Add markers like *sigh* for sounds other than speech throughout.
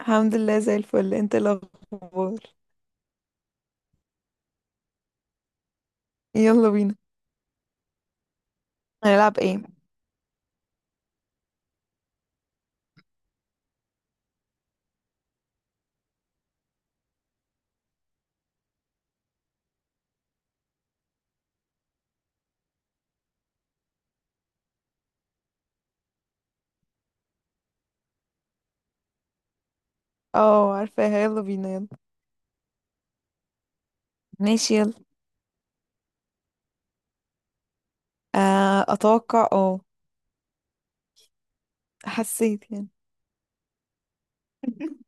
الحمد لله زي الفل، انت ايه الاخبار؟ يلا بينا. هنلعب ايه؟ اه، عارفاها، يلا بينا يلا. ماشي يلا. آه، اتوقع، اه. حسيت يعني. *laughs*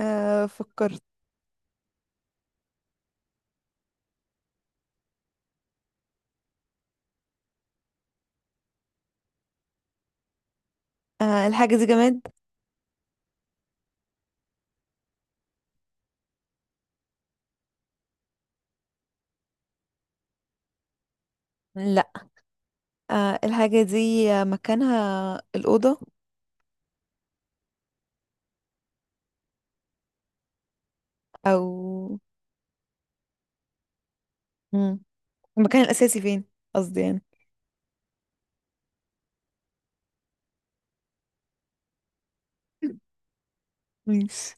آه، فكرت. الحاجة دي جماد؟ لا. الحاجة دي مكانها الأوضة. او. مم. المكان الأساسي فين؟ قصدي يعني. *laughs* ماشي.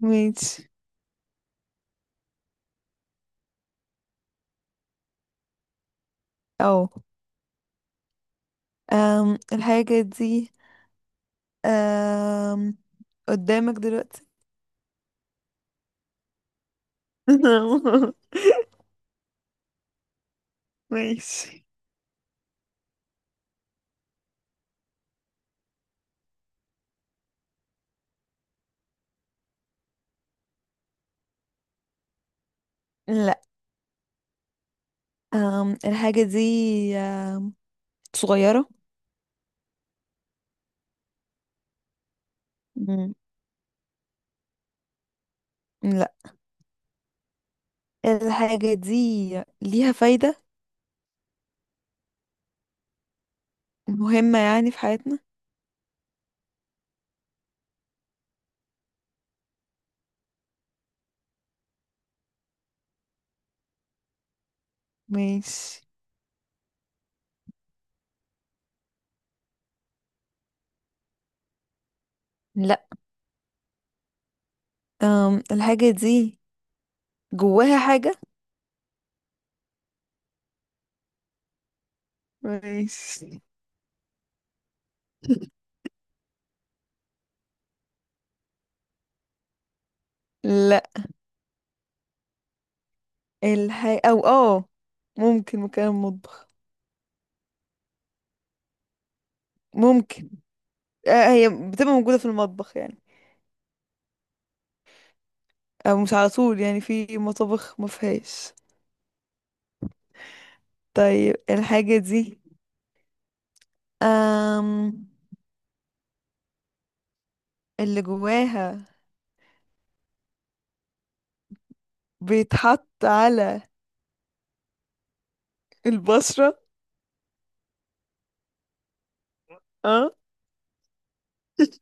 ماشي. اه. الحاجة دي آم، قدامك دلوقتي؟ *laughs* ماشي. لا. الحاجة دي أم، صغيرة. مم. لا. الحاجة دي ليها فايدة؟ مهمة يعني في حياتنا. ماشي. لا. الحاجة دي جواها حاجة. ماشي. لا. الحاجة أو ممكن مكان المطبخ. ممكن. هي بتبقى موجودة في المطبخ يعني، أو مش على طول يعني في مطابخ ما فيهاش. طيب الحاجة دي، أم... اللي جواها بيتحط على البشرة. اه. *laughs*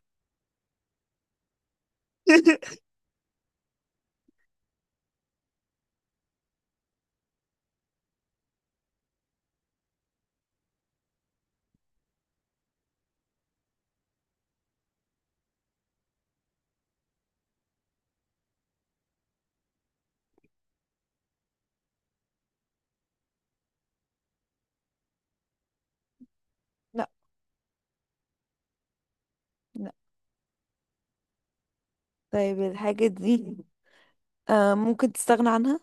لا. لا. طيب الحاجة دي ممكن تستغنى عنها.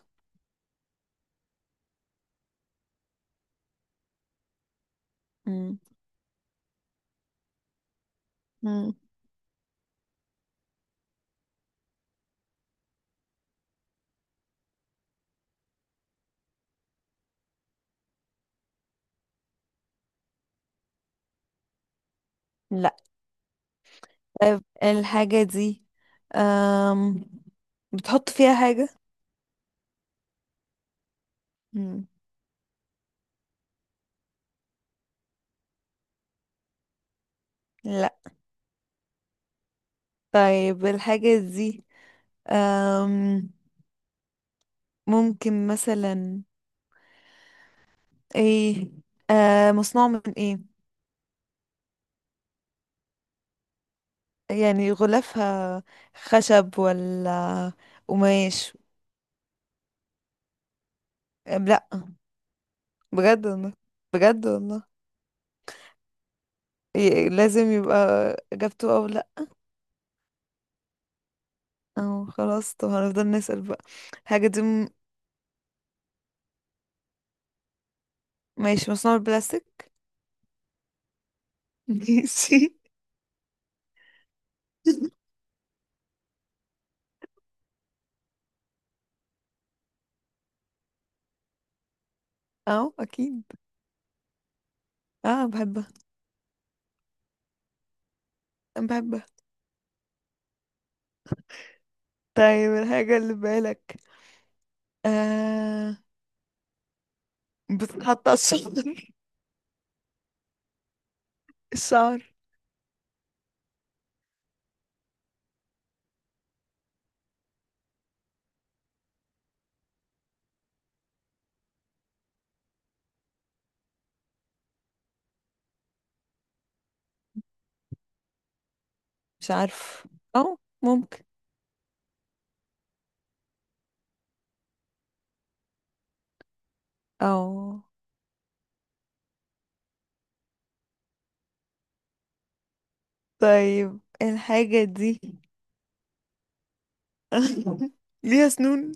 مم. مم. لا. طيب الحاجة دي آم بتحط فيها حاجة. مم. لا. طيب الحاجة دي آم ممكن مثلا ايه؟ مصنوع من ايه؟ يعني غلافها خشب ولا قماش؟ لا. بجد والله، بجد والله. لازم يبقى اجابته او لا. او خلاص، طب هنفضل نسأل بقى. الحاجة دي ماشي، مصنوعة من البلاستيك. *laughs* ماشي. اه، اكيد. اه، بحبها. أنا بحبها. طيب الحاجة اللي في بالك، آه بتتحط على الشعر. *laughs* الشعر. مش عارف. او. ممكن. او. طيب الحاجة دي، *laughs* ليها سنون؟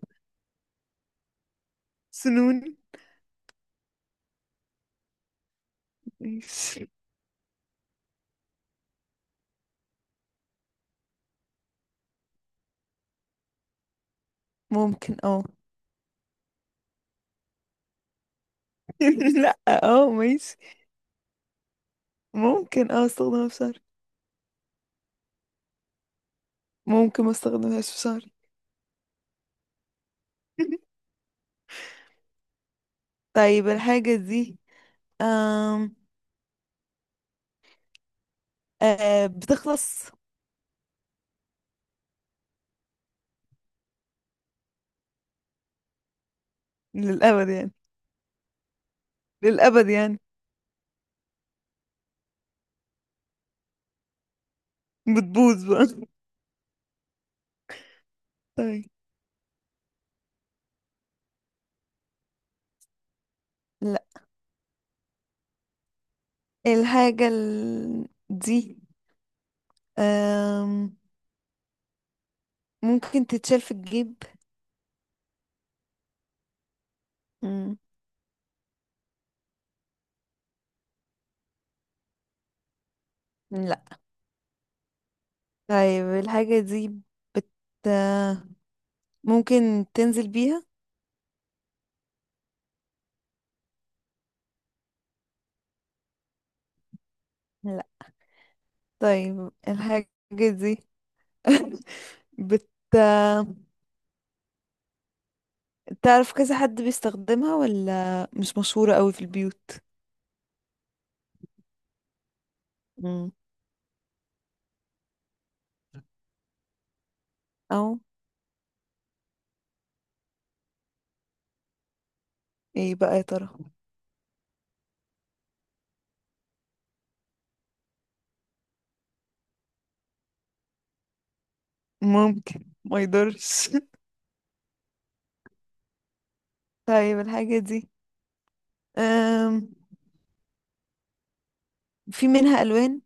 سنون. ماشي. ممكن اه. *laughs* لا، اه، ماشي. ممكن اه استخدمها في شعري. ممكن ما استخدمهاش في شهري. *laughs* طيب الحاجة دي أم... بتخلص؟ للأبد يعني. للأبد يعني. بتبوظ بقى. *laughs* طيب. لا. الحاجة دي، أم... ممكن تتشال في الجيب. مم. لا. طيب الحاجة دي بت ممكن تنزل بيها. لا. طيب الحاجة دي *laughs* بت تعرف كذا حد بيستخدمها ولا مش مشهورة قوي في البيوت؟ مم. او. ايه بقى يا ترى؟ ممكن ما يضرش. *laughs* طيب الحاجة دي أم... في منها ألوان.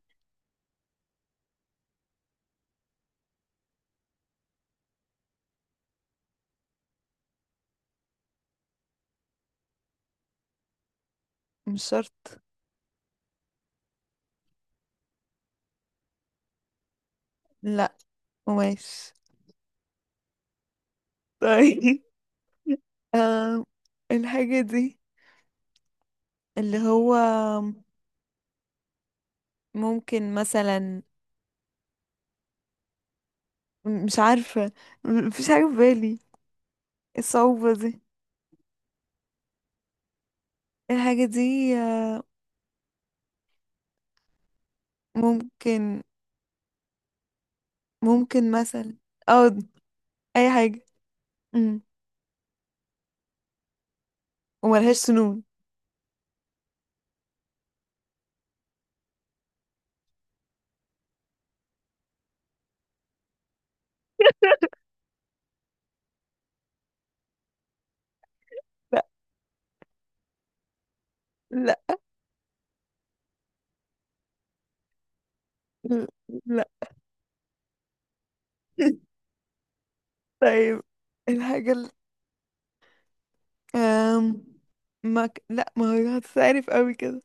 مش شرط. لا، قماش. طيب. *laughs* أم... الحاجة دي اللي هو ممكن مثلا مش عارفة، مفيش حاجة في بالي. الصعوبة دي. الحاجة دي، ممكن، ممكن مثلا او أي حاجة. مم. وملهاش سنون. لا. لا. لا. *laughs* طيب الحاجة أم... ما ك... لا، ما هو هتتعرف قوي كده.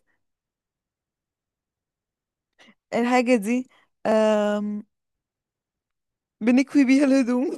الحاجة دي أم... بنكوي بيها الهدوم.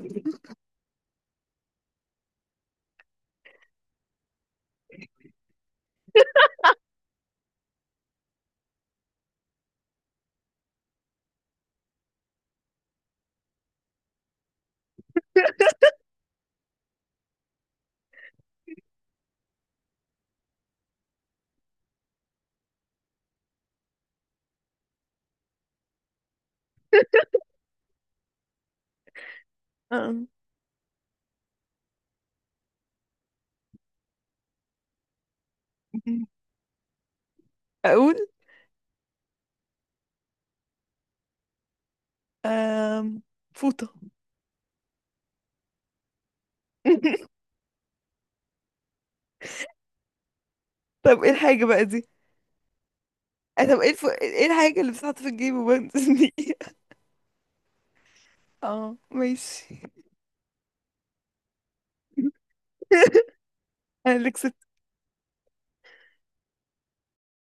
أم. *laughs* أقول. أم... فوطة. *laughs* طب ايه الحاجة بقى دي؟ طب ايه ايه الحاجة اللي بتتحط في الجيب وبنزل بيها؟ *laughs* اه، ماشي. *laughs* انا اللي كسبت.